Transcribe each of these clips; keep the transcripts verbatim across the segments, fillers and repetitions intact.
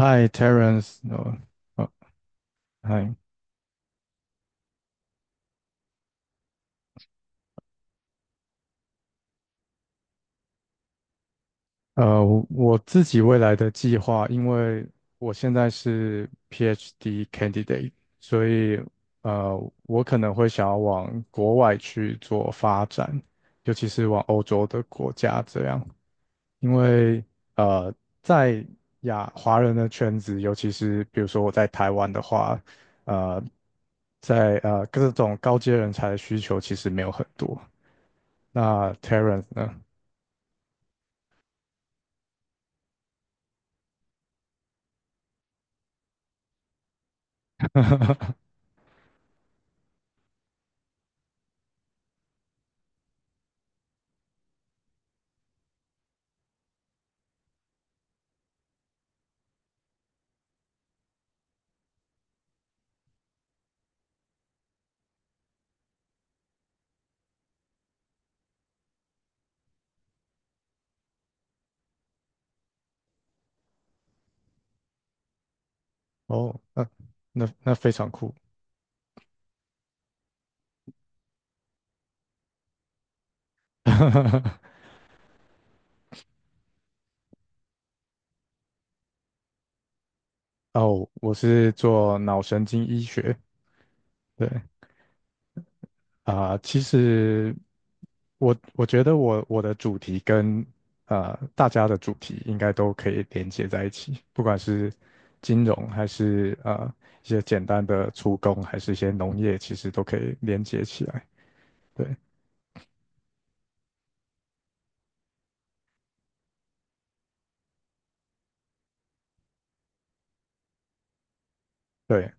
Hi, t e r e n c e 呃，呃 i 呃，我我自己未来的计划，因为我现在是 PhD candidate，所以呃，我可能会想要往国外去做发展，尤其是往欧洲的国家这样，因为呃，在亚华人的圈子，尤其是比如说我在台湾的话，呃，在呃各种高阶人才的需求其实没有很多。那 Terence 呢？哦，那那那非常酷。哦，我是做脑神经医学。对啊、其实我我觉得我我的主题跟呃大家的主题应该都可以连接在一起，不管是金融还是呃一些简单的出工，还是一些农业，其实都可以连接起来。对对，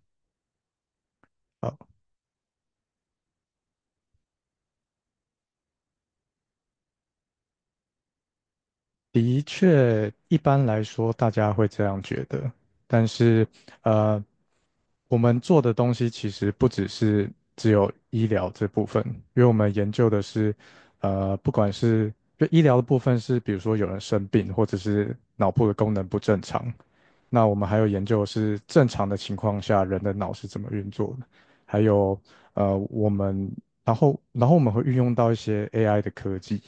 的确，一般来说大家会这样觉得，但是呃，我们做的东西其实不只是只有医疗这部分，因为我们研究的是，呃，不管是就医疗的部分是，比如说有人生病或者是脑部的功能不正常，那我们还有研究的是正常的情况下人的脑是怎么运作的，还有呃，我们然后然后我们会运用到一些 A I 的科技。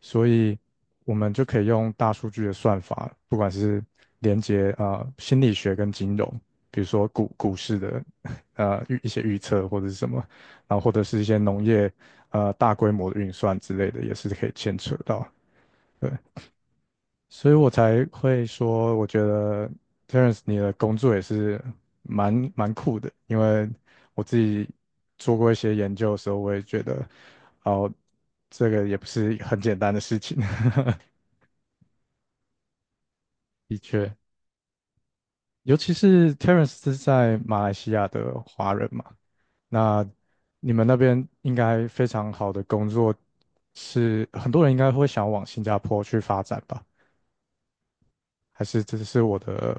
所以我们就可以用大数据的算法，不管是连接啊、呃、心理学跟金融，比如说股股市的呃预一些预测或者是什么，然后或者是一些农业呃大规模的运算之类的，也是可以牵扯到。对，所以我才会说，我觉得 Terence 你的工作也是蛮蛮酷的，因为我自己做过一些研究的时候，我也觉得哦。这个也不是很简单的事情，的确，尤其是 Terence 是在马来西亚的华人嘛，那你们那边应该非常好的工作是，很多人应该会想往新加坡去发展吧？还是这是我的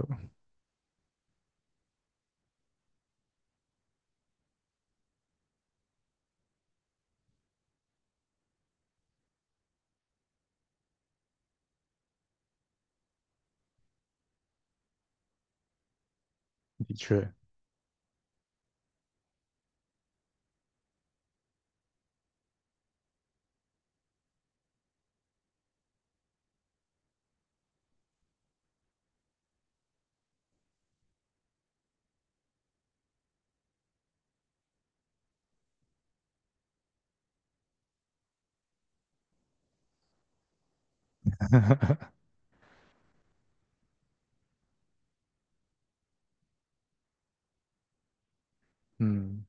的确，嗯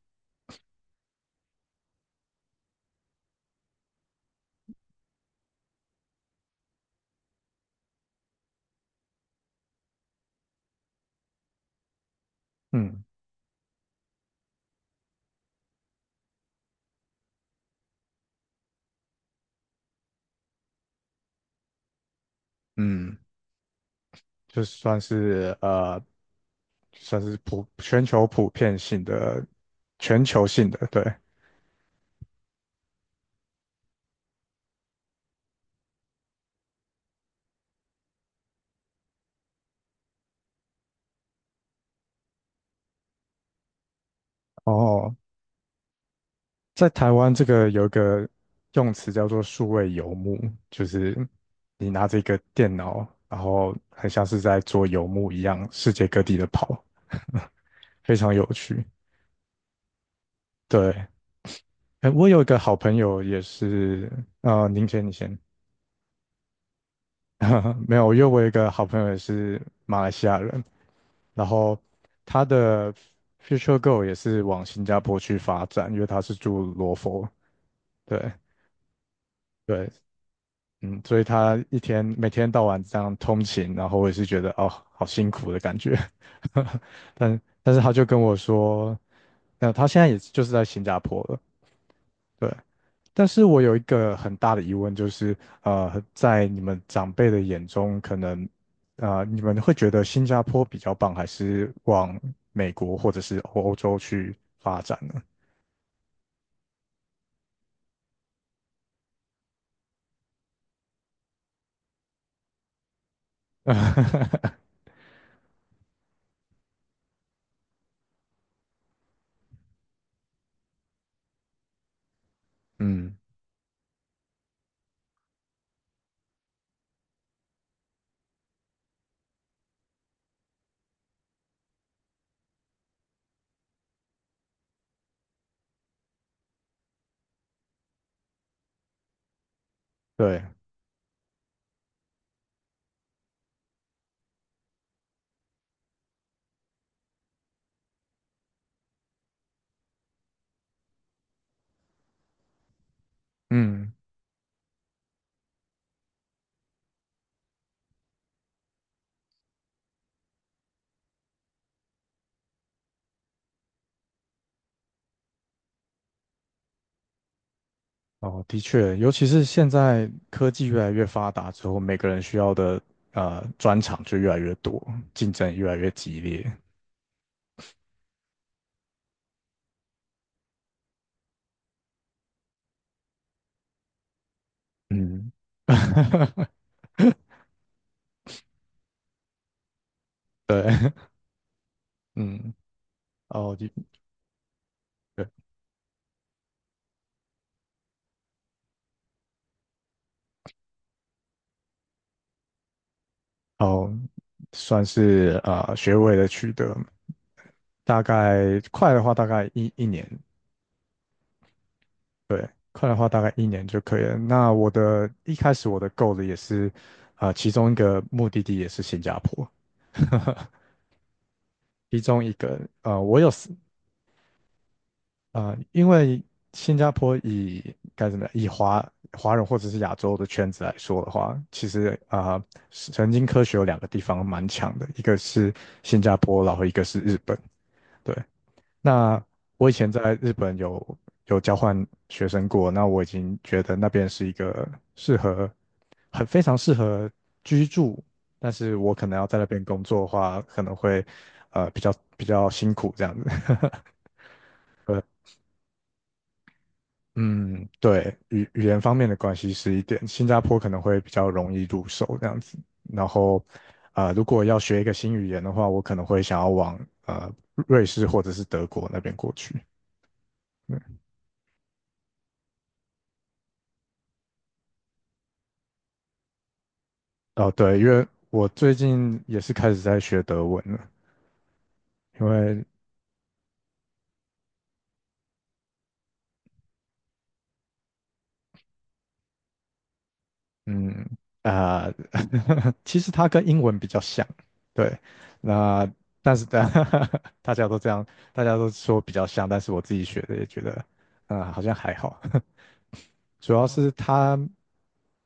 嗯嗯，就算是呃，算是普全球普遍性的全球性的，对，哦，在台湾这个有一个用词叫做数位游牧，就是你拿着一个电脑，然后很像是在做游牧一样，世界各地的跑，非常有趣。对，哎，我有一个好朋友也是，呃，您先，你先，没有，因为我有一个好朋友也是马来西亚人，然后他的 future goal 也是往新加坡去发展，因为他是住罗佛，对。对，嗯，所以他一天每天到晚这样通勤，然后我也是觉得哦，好辛苦的感觉。但但是他就跟我说，那他现在也就是在新加坡了，对。但是我有一个很大的疑问，就是呃，在你们长辈的眼中，可能啊，你们会觉得新加坡比较棒，还是往美国或者是欧洲去发展呢？嗯，对，嗯。哦，的确，尤其是现在科技越来越发达之后，每个人需要的呃专长就越来越多，竞争也越来越激烈。嗯，对，嗯，哦，的对，哦，算是呃学位的取得，大概快的话大概一一年，快的话大概一年就可以了。那我的一开始我的 goal 也是，呃，其中一个目的地也是新加坡。其中一个，呃，我有四啊、因为新加坡以该怎么样，以华华人或者是亚洲的圈子来说的话，其实啊、神经科学有两个地方蛮强的，一个是新加坡，然后一个是日本。对，那我以前在日本有有交换学生过，那我已经觉得那边是一个适合很非常适合居住，但是我可能要在那边工作的话，可能会呃比较比较辛苦这样子。嗯，对，语语言方面的关系是一点，新加坡可能会比较容易入手这样子。然后，呃，如果要学一个新语言的话，我可能会想要往呃瑞士或者是德国那边过去。嗯，哦，对，因为我最近也是开始在学德文了，因为嗯啊，呃 其实它跟英文比较像，对，那但是大 大家都这样，大家都说比较像，但是我自己学的也觉得，啊好像还好。主要是它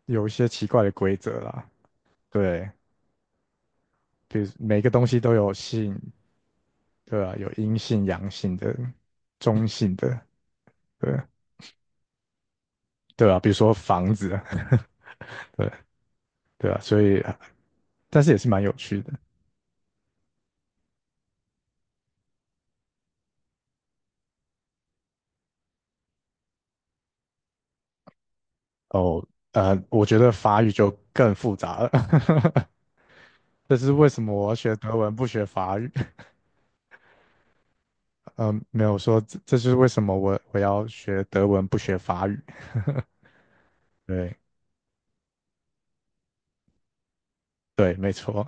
有一些奇怪的规则啦，对，比如每个东西都有性，对啊，有阴性、阳性的、中性的，对对啊，比如说房子，对对啊，所以但是也是蛮有趣的哦。呃，我觉得法语就更复杂了，这是为什么我要学德文不学法语？嗯，没有说这这是为什么我我要学德文不学法语。对对，没错。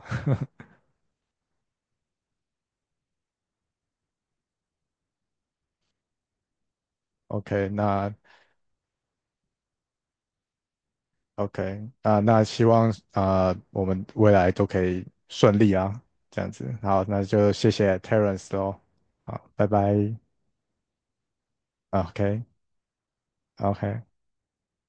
OK,那 OK,啊，那希望啊，呃我们未来都可以顺利啊，这样子。好，那就谢谢 Terence 喽。好，拜拜。啊 OK，OK。